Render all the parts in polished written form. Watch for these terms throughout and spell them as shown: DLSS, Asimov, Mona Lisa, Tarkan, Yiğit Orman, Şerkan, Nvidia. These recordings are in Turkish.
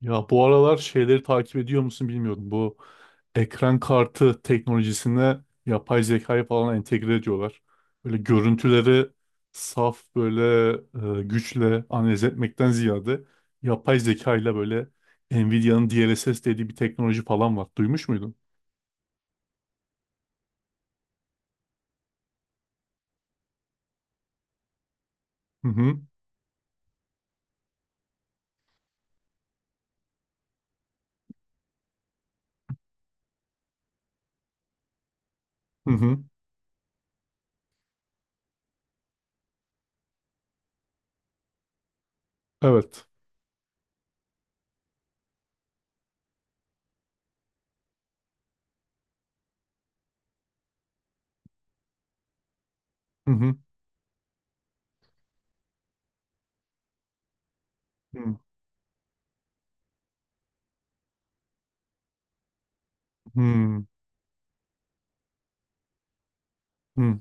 Ya bu aralar şeyleri takip ediyor musun bilmiyorum. Bu ekran kartı teknolojisine yapay zekayı falan entegre ediyorlar. Böyle görüntüleri saf böyle güçle analiz etmekten ziyade yapay zekayla böyle Nvidia'nın DLSS dediği bir teknoloji falan var. Duymuş muydun? Hı hı. Hı hı. Evet. Hı hı. Hı hı. Hı.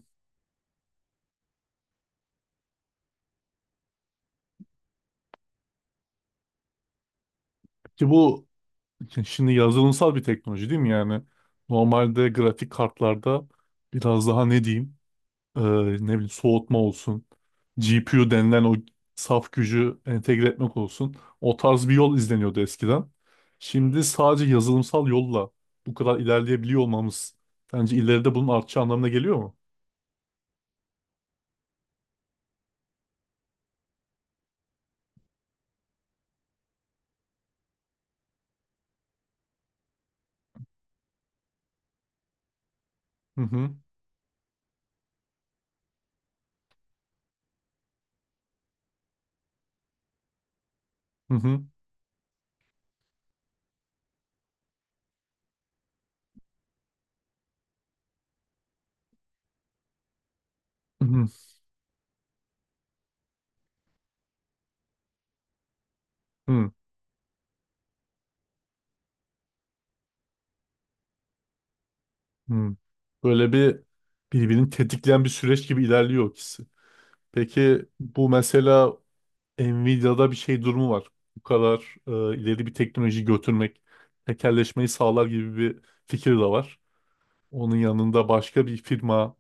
Ki bu şimdi yazılımsal bir teknoloji değil mi yani? Normalde grafik kartlarda biraz daha ne diyeyim? Ne bileyim, soğutma olsun, GPU denilen o saf gücü entegre etmek olsun. O tarz bir yol izleniyordu eskiden. Şimdi sadece yazılımsal yolla bu kadar ilerleyebiliyor olmamız bence ileride bunun artacağı anlamına geliyor mu? Hı hı. Hı hı. Hı hı. Hı. Böyle bir birbirini tetikleyen bir süreç gibi ilerliyor ikisi. Peki bu mesela Nvidia'da bir şey durumu var. Bu kadar ileri bir teknoloji götürmek tekelleşmeyi sağlar gibi bir fikir de var. Onun yanında başka bir firma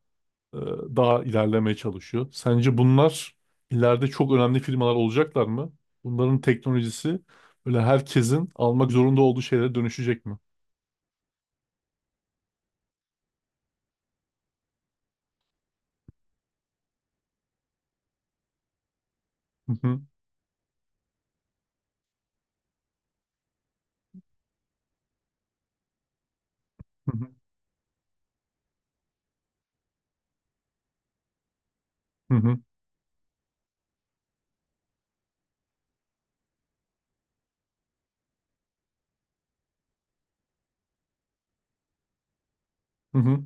e, daha ilerlemeye çalışıyor. Sence bunlar ileride çok önemli firmalar olacaklar mı? Bunların teknolojisi böyle herkesin almak zorunda olduğu şeylere dönüşecek mi? Hı hı, hı hı, hı hı,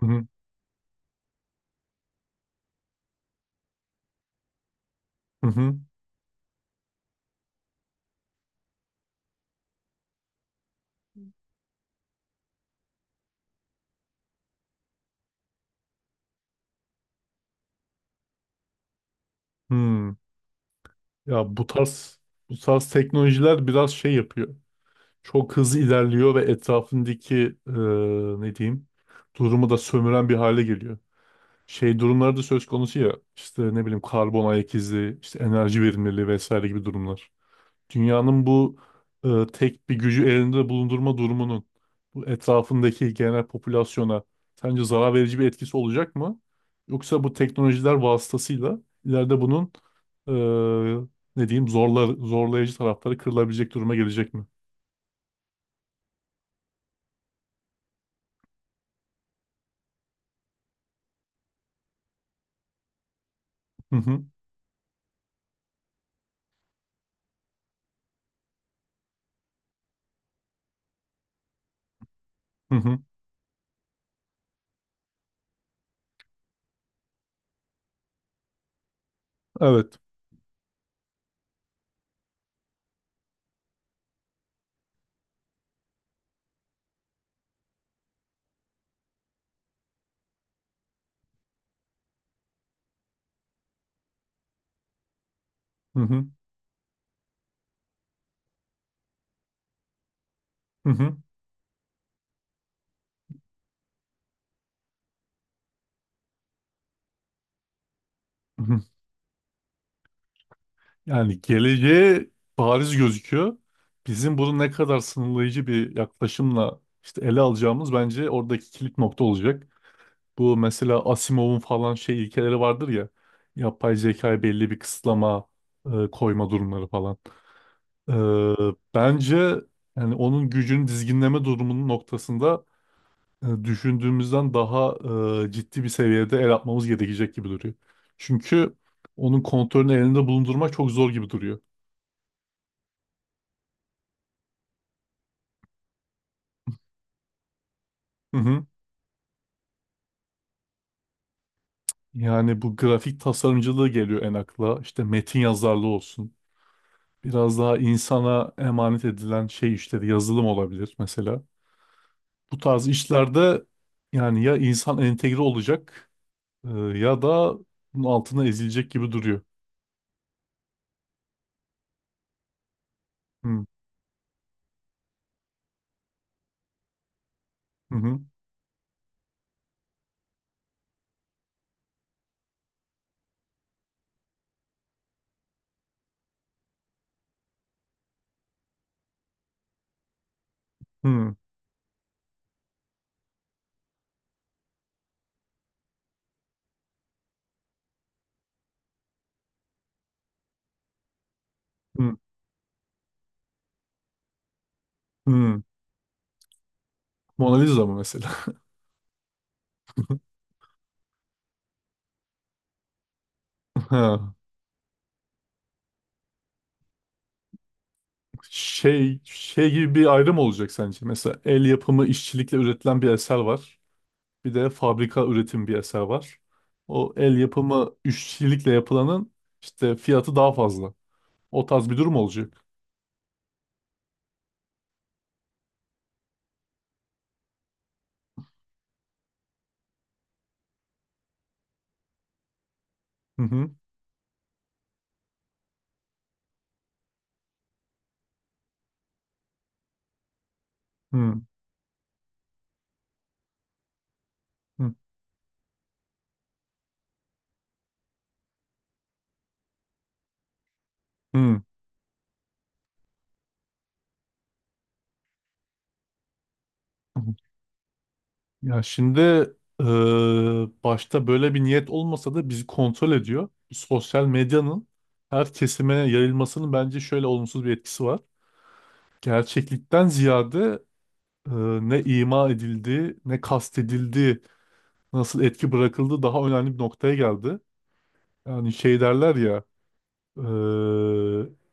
hı hı, hı hı, hı. Ya bu tarz teknolojiler biraz şey yapıyor. Çok hızlı ilerliyor ve etrafındaki e, ne diyeyim, durumu da sömüren bir hale geliyor. Şey durumlar da söz konusu ya, işte ne bileyim, karbon ayak izi, işte enerji verimliliği vesaire gibi durumlar. Dünyanın bu tek bir gücü elinde bulundurma durumunun bu etrafındaki genel popülasyona sence zarar verici bir etkisi olacak mı? Yoksa bu teknolojiler vasıtasıyla ileride bunun e, ne diyeyim, zorlayıcı tarafları kırılabilecek duruma gelecek mi? Hı hı. Hı hı. Evet. Hı hı. Hı hı. Hı hı. Yani geleceğe bariz gözüküyor. Bizim bunu ne kadar sınırlayıcı bir yaklaşımla işte ele alacağımız bence oradaki kilit nokta olacak. Bu mesela Asimov'un falan şey ilkeleri vardır ya. Yapay zekaya belli bir kısıtlama koyma durumları falan. E, Bence, yani onun gücünü dizginleme durumunun noktasında düşündüğümüzden daha ciddi bir seviyede el atmamız gerekecek gibi duruyor. Çünkü onun kontrolünü elinde bulundurmak çok zor gibi duruyor. Hı hı. Yani bu grafik tasarımcılığı geliyor en akla. İşte metin yazarlığı olsun. Biraz daha insana emanet edilen şey işleri yazılım olabilir mesela. Bu tarz işlerde yani ya insan entegre olacak ya da bunun altına ezilecek gibi duruyor. Hı hı hı hı hı. Hı. Mona Lisa mı mesela? Şey şey gibi bir ayrım olacak sence? Mesela el yapımı işçilikle üretilen bir eser var. Bir de fabrika üretim bir eser var. O el yapımı işçilikle yapılanın işte fiyatı daha fazla. O tarz bir durum olacak. Hı hı. Hı hı. Hı. Ya şimdi eee, başta böyle bir niyet olmasa da bizi kontrol ediyor. Sosyal medyanın her kesime yayılmasının bence şöyle olumsuz bir etkisi var. Gerçeklikten ziyade e, ne ima edildi, ne kastedildi, nasıl etki bırakıldı daha önemli bir noktaya geldi. Yani şey derler ya,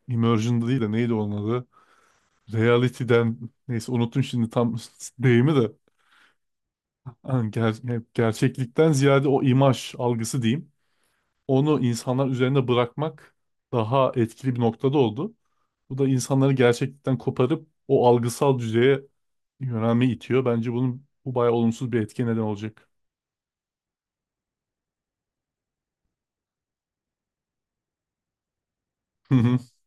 immersion'da değil de neydi onun adı? Reality'den, neyse unuttum şimdi tam deyimi de. Yani gerçeklikten ziyade o imaj algısı diyeyim. Onu insanlar üzerinde bırakmak daha etkili bir noktada oldu. Bu da insanları gerçeklikten koparıp o algısal düzeye yönelme itiyor. Bence bunun bu bayağı olumsuz bir etki neden olacak.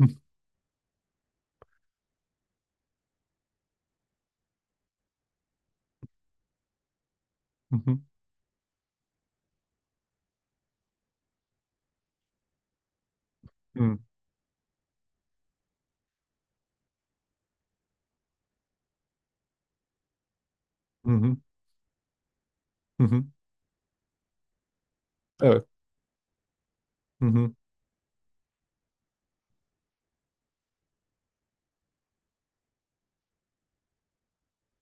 Hı hı, hı hı, hı hı hı. Evet. Hı hı,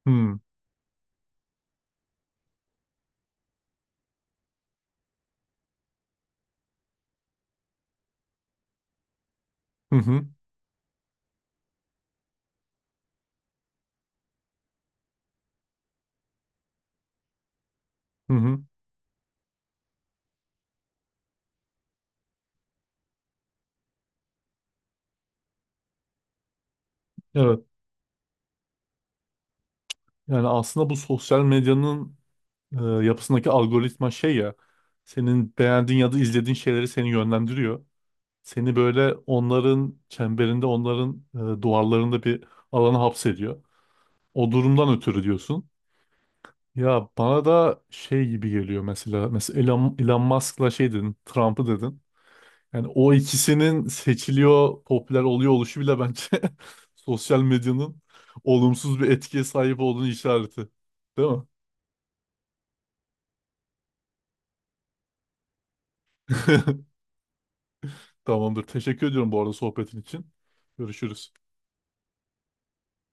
hı hı, hı hı. Evet. Yani aslında bu sosyal medyanın yapısındaki algoritma şey ya, senin beğendiğin ya da izlediğin şeyleri seni yönlendiriyor. Seni böyle onların çemberinde, onların duvarlarında bir alana hapsediyor. O durumdan ötürü diyorsun. Ya bana da şey gibi geliyor mesela. Mesela Elon Musk'la şey dedin, Trump'ı dedin. Yani o ikisinin seçiliyor, popüler oluyor oluşu bile bence sosyal medyanın olumsuz bir etkiye sahip olduğunu işareti. Değil mi? Tamamdır. Teşekkür ediyorum bu arada sohbetin için. Görüşürüz.